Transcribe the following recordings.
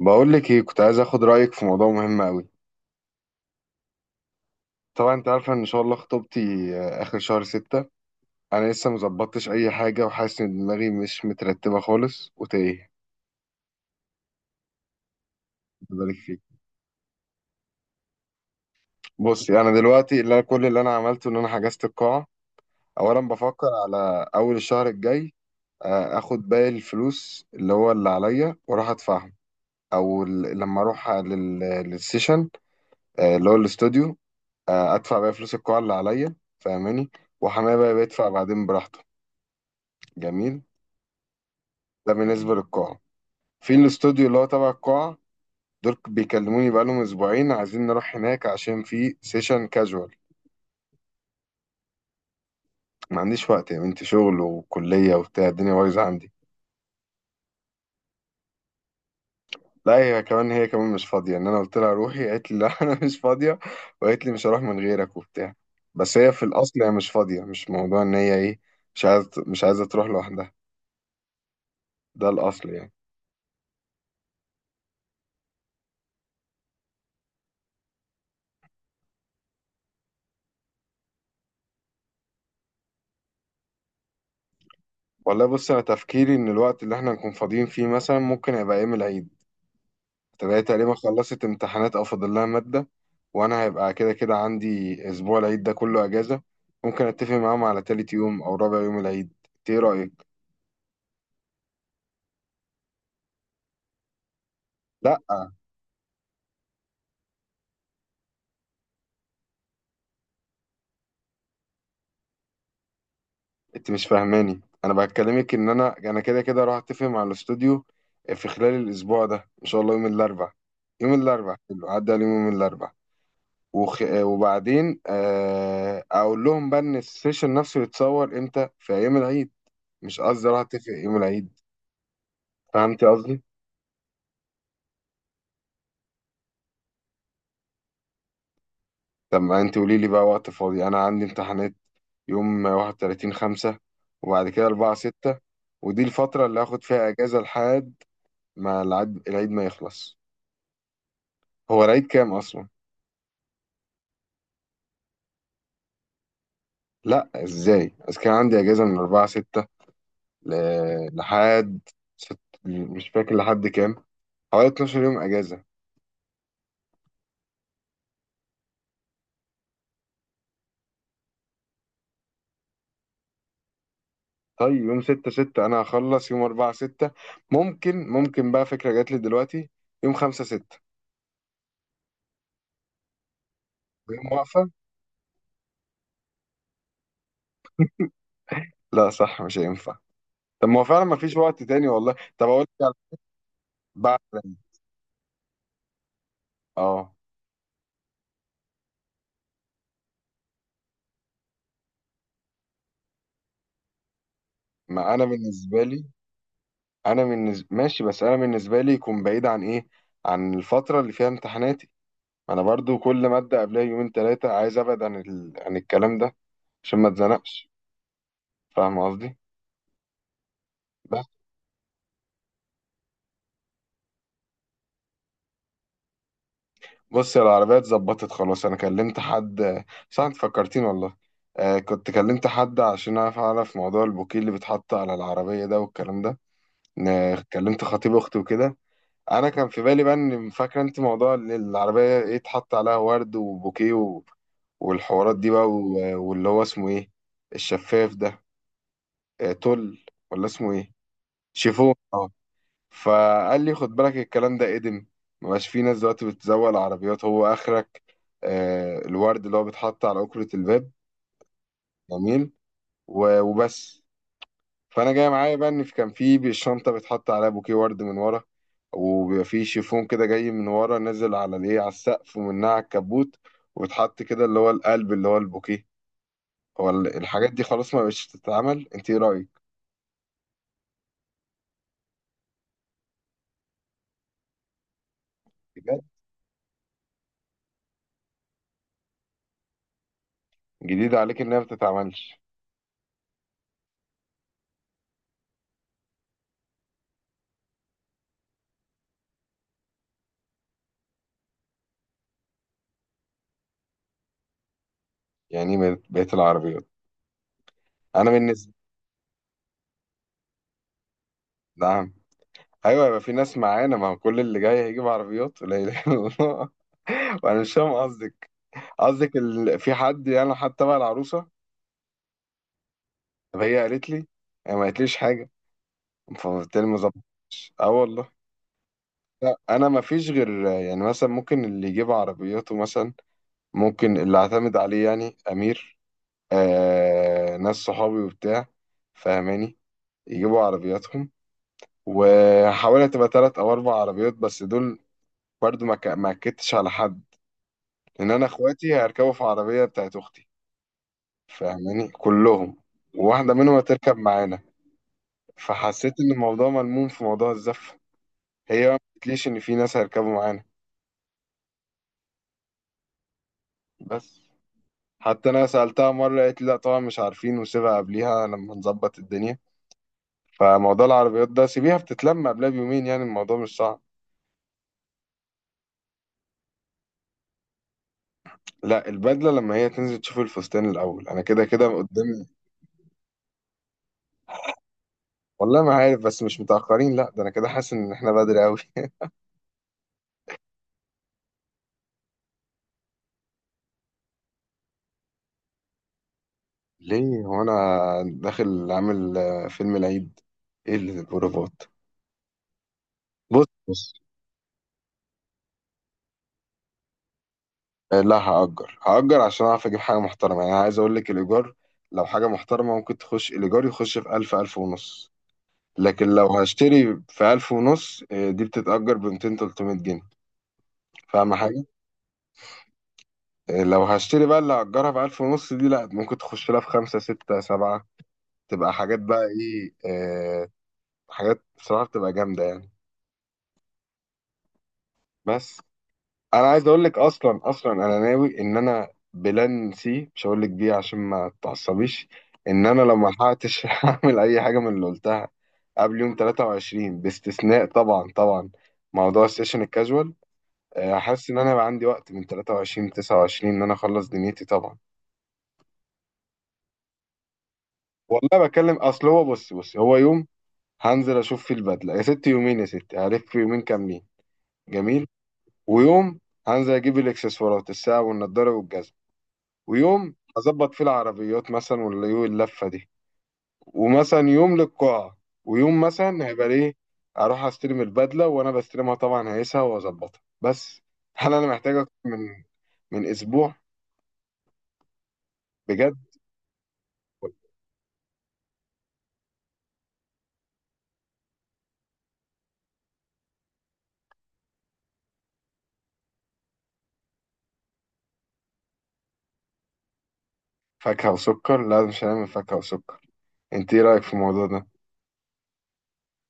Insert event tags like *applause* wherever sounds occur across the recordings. بقول لك ايه، كنت عايز اخد رايك في موضوع مهم قوي. طبعا انت عارفه ان شاء الله خطوبتي اخر شهر ستة. انا لسه مظبطتش اي حاجه، وحاسس ان دماغي مش مترتبه خالص وتايه. خد بالك فيك. بصي، انا دلوقتي كل اللي انا عملته ان انا حجزت القاعه. اولا بفكر على اول الشهر الجاي، اخد باقي الفلوس اللي هو اللي عليا واروح ادفعهم، لما اروح للسيشن، اللي هو الاستوديو، ادفع بقى فلوس القاعه اللي عليا، فاهماني؟ وحماية بقى بيدفع بعدين براحته. جميل. ده بالنسبة للقاعة. في الاستوديو اللي هو تبع القاعة، دول بيكلموني بقالهم أسبوعين عايزين نروح هناك عشان في سيشن كاجوال. ما عنديش وقت يا بنتي، شغل وكلية وبتاع، الدنيا بايظة عندي. لا، هي كمان مش فاضية، إن أنا قلت لها روحي قالت لي لا *laughs* أنا مش فاضية، وقالت لي مش هروح من غيرك وبتاع. بس هي في الأصل هي مش فاضية، مش موضوع إن هي إيه، مش عايزة تروح لوحدها. ده الأصل يعني. والله بص، أنا تفكيري إن الوقت اللي إحنا نكون فاضيين فيه مثلا ممكن يبقى يوم العيد. فهي تقريبا خلصت امتحانات او فاضل لها ماده، وانا هيبقى كده كده عندي اسبوع العيد ده كله اجازه. ممكن اتفق معاهم على تالت يوم او رابع يوم العيد. انت ايه رايك؟ لا، انت مش فاهماني، انا بكلمك ان انا كده كده راح اتفق مع الاستوديو في خلال الاسبوع ده ان شاء الله يوم الاربع. يوم الاربع حلو، عدى عليهم يوم الاربع، وخ... آه، وبعدين اقول لهم بقى ان السيشن نفسه يتصور امتى في ايام العيد. مش قصدي راح اتفق يوم العيد، فهمتي قصدي؟ طب ما انت قولي لي بقى وقت فاضي، انا عندي امتحانات يوم 31 5، وبعد كده 4 6. ودي الفترة اللي هاخد فيها اجازة لحد ما العيد ما يخلص. هو العيد كام اصلا؟ لا ازاي، بس كان عندي اجازة من 4 6 ل... لحد ست... مش فاكر لحد كام، حوالي 12 يوم اجازة. طيب يوم 6 6 انا هخلص يوم 4 6. ممكن بقى فكرة جات لي دلوقتي، يوم 5 6، يوم واقفة *laughs* لا صح، مش هينفع. طب ما هو فعلا ما فيش *laughs* وقت تاني والله. طب اقول لك بعد، اه، ما انا بالنسبه لي، انا بالنسبه ماشي، بس انا بالنسبه لي يكون بعيد عن ايه، عن الفتره اللي فيها امتحاناتي. انا برضو كل ماده قبلها يومين ثلاثه عايز ابعد عن الكلام ده عشان ما اتزنقش، فاهم قصدي؟ بس. بص، يا العربيه اتظبطت خلاص، انا كلمت حد، صح؟ انت فكرتين والله. آه كنت كلمت حد عشان اعرف موضوع البوكيه اللي بيتحط على العربيه ده والكلام ده. كلمت خطيب اختي وكده. انا كان في بالي بقى، ان فاكره انت موضوع ان العربيه ايه اتحط عليها ورد وبوكيه و... والحوارات دي بقى و... واللي هو اسمه ايه، الشفاف ده، آه، تل ولا اسمه ايه، شيفون، اه. فقال لي خد بالك الكلام ده ادم، مبقاش في ناس دلوقتي بتزوق العربيات، هو اخرك آه الورد اللي هو بيتحط على أكرة الباب. جميل. و... وبس. فانا جاي معايا بقى ان كان في بالشنطه بيتحط عليها بوكيه ورد من ورا، وبيبقى في شيفون كده جاي من ورا نازل على الايه على السقف ومنها على الكبوت، وبيتحط كده اللي هو القلب اللي هو البوكيه. الحاجات دي خلاص ما بقتش تتعمل، انت ايه رايك؟ بجد؟ جديد عليك انها ما بتتعملش؟ يعني بقت العربيات، انا بالنسبه. نعم. ايوه يبقى في ناس معانا، ما هو كل اللي جاي هيجيب عربيات لا اله الا الله *laughs* وانا مش فاهم قصدك. في حد يعني حتى بقى العروسه؟ طب هي قالت لي، هي ما قالتليش حاجه، فبالتالي ما ظبطش. اه والله. لا، انا ما فيش غير يعني مثلا ممكن اللي يجيب عربياته مثلا، ممكن اللي اعتمد عليه يعني امير، آه ناس صحابي وبتاع، فاهماني، يجيبوا عربياتهم. وحاولت تبقى تلات او اربع عربيات بس دول، برضو ما اكدتش على حد، لان انا اخواتي هيركبوا في عربيه بتاعت اختي، فاهماني، كلهم، وواحده منهم هتركب معانا. فحسيت ان الموضوع ملموم في موضوع الزفه. هي ما قلتليش ان في ناس هيركبوا معانا. بس، حتى انا سالتها مره قالت لي لا طبعا مش عارفين، وسيبها قبليها لما نظبط الدنيا. فموضوع العربيات ده سيبيها بتتلم قبلها بيومين، يعني الموضوع مش صعب. لا، البدله لما هي تنزل تشوف الفستان الاول، انا كده كده قدامي. والله ما عارف، بس مش متاخرين، لا ده انا كده حاسس ان احنا بدري قوي *laughs* ليه، هو انا داخل عامل فيلم العيد؟ ايه اللي البروفات؟ بص بص، لا هأجر عشان أعرف أجيب حاجة محترمة. يعني عايز أقول لك، الإيجار لو حاجة محترمة ممكن تخش الإيجار يخش في ألف، ألف ونص. لكن لو هشتري في ألف ونص، دي بتتأجر بمتين تلتمية جنيه. فاهم حاجة؟ لو هشتري بقى، اللي هأجرها في ألف ونص دي، لأ، ممكن تخش لها في خمسة ستة سبعة. تبقى حاجات بقى إيه حاجات بصراحة بتبقى جامدة يعني. بس. أنا عايز أقول لك أصلا، أنا ناوي إن أنا بلان سي، مش هقول لك بيه عشان ما تعصبيش، إن أنا لو ملحقتش *laughs* هعمل أي حاجة من اللي قلتها قبل يوم 23، باستثناء طبعا موضوع السيشن الكاجوال. حاسس ان انا بقى عندي وقت من 23 ل 29 ان انا اخلص دنيتي طبعا. والله بكلم، اصل هو، بص بص، هو يوم هنزل اشوف فيه البدله يا ستي، يومين يا ستي، هلف يومين كاملين، جميل. ويوم هنزل اجيب الاكسسوارات، الساعه والنضاره والجزمه. ويوم هظبط فيه العربيات مثلا، ولا يوم اللفه دي. ومثلا يوم للقاعه. ويوم مثلا هيبقى ليه اروح استلم البدله، وانا بستلمها طبعا هيسها واظبطها بس. هل انا محتاج اكتر من اسبوع؟ بجد؟ فاكهة وسكر؟ لا مش هنعمل فاكهة وسكر. انت ايه رأيك في الموضوع ده؟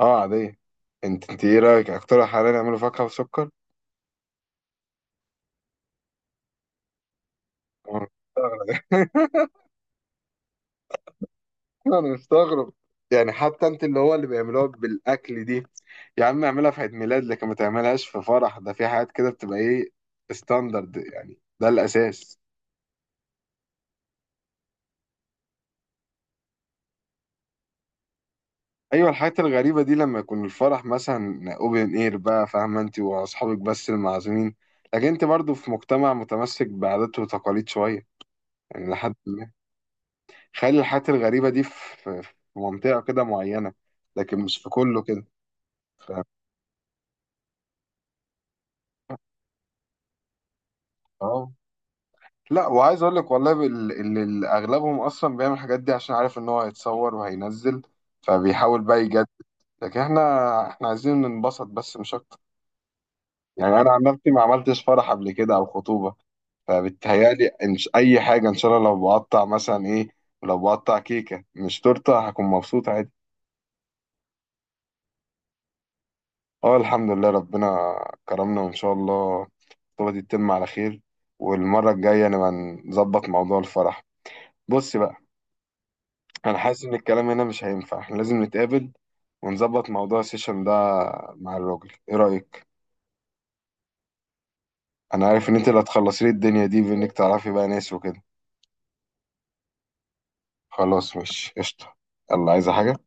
اه عادية. انت ايه رأيك، اقترح علينا نعمله فاكهة وسكر. انا مستغرب *laughs* انا مستغرب. يعني حتى انت اللي هو اللي بيعملوها بالاكل دي. يا عم اعملها في عيد ميلاد لكن ما تعملهاش في فرح، ده في حاجات كده بتبقى ايه ستاندرد يعني، ده الاساس. ايوه الحاجات الغريبة دي لما يكون الفرح مثلا اوبن اير بقى، فاهمة؟ انت واصحابك بس المعزومين، لكن انت برضو في مجتمع متمسك بعادات وتقاليد شوية، يعني لحد. خلي الحاجات الغريبة دي في منطقة كده معينة، لكن مش في كله كده، فاهم؟ اه لا، وعايز اقول لك والله اللي اغلبهم اصلا بيعمل الحاجات دي عشان عارف ان هو هيتصور وهينزل، فبيحاول بقى يجدد. لكن احنا عايزين ننبسط بس مش اكتر. يعني انا عن نفسي ما عملتش فرح قبل كده او خطوبة، فبتهيالي إن اي حاجة ان شاء الله. لو بقطع مثلا ايه، لو بقطع كيكة مش تورتة هكون مبسوط عادي. اه الحمد لله، ربنا كرمنا، وان شاء الله الخطوبه دي تتم على خير، والمره الجايه نبقى نظبط موضوع الفرح. بص بقى، انا حاسس ان الكلام هنا مش هينفع، احنا لازم نتقابل ونظبط موضوع السيشن ده مع الراجل، ايه رايك؟ انا عارف ان انت اللي هتخلصي لي الدنيا دي بانك تعرفي بقى ناس وكده. خلاص، مش قشطه. يلا، عايزه حاجه؟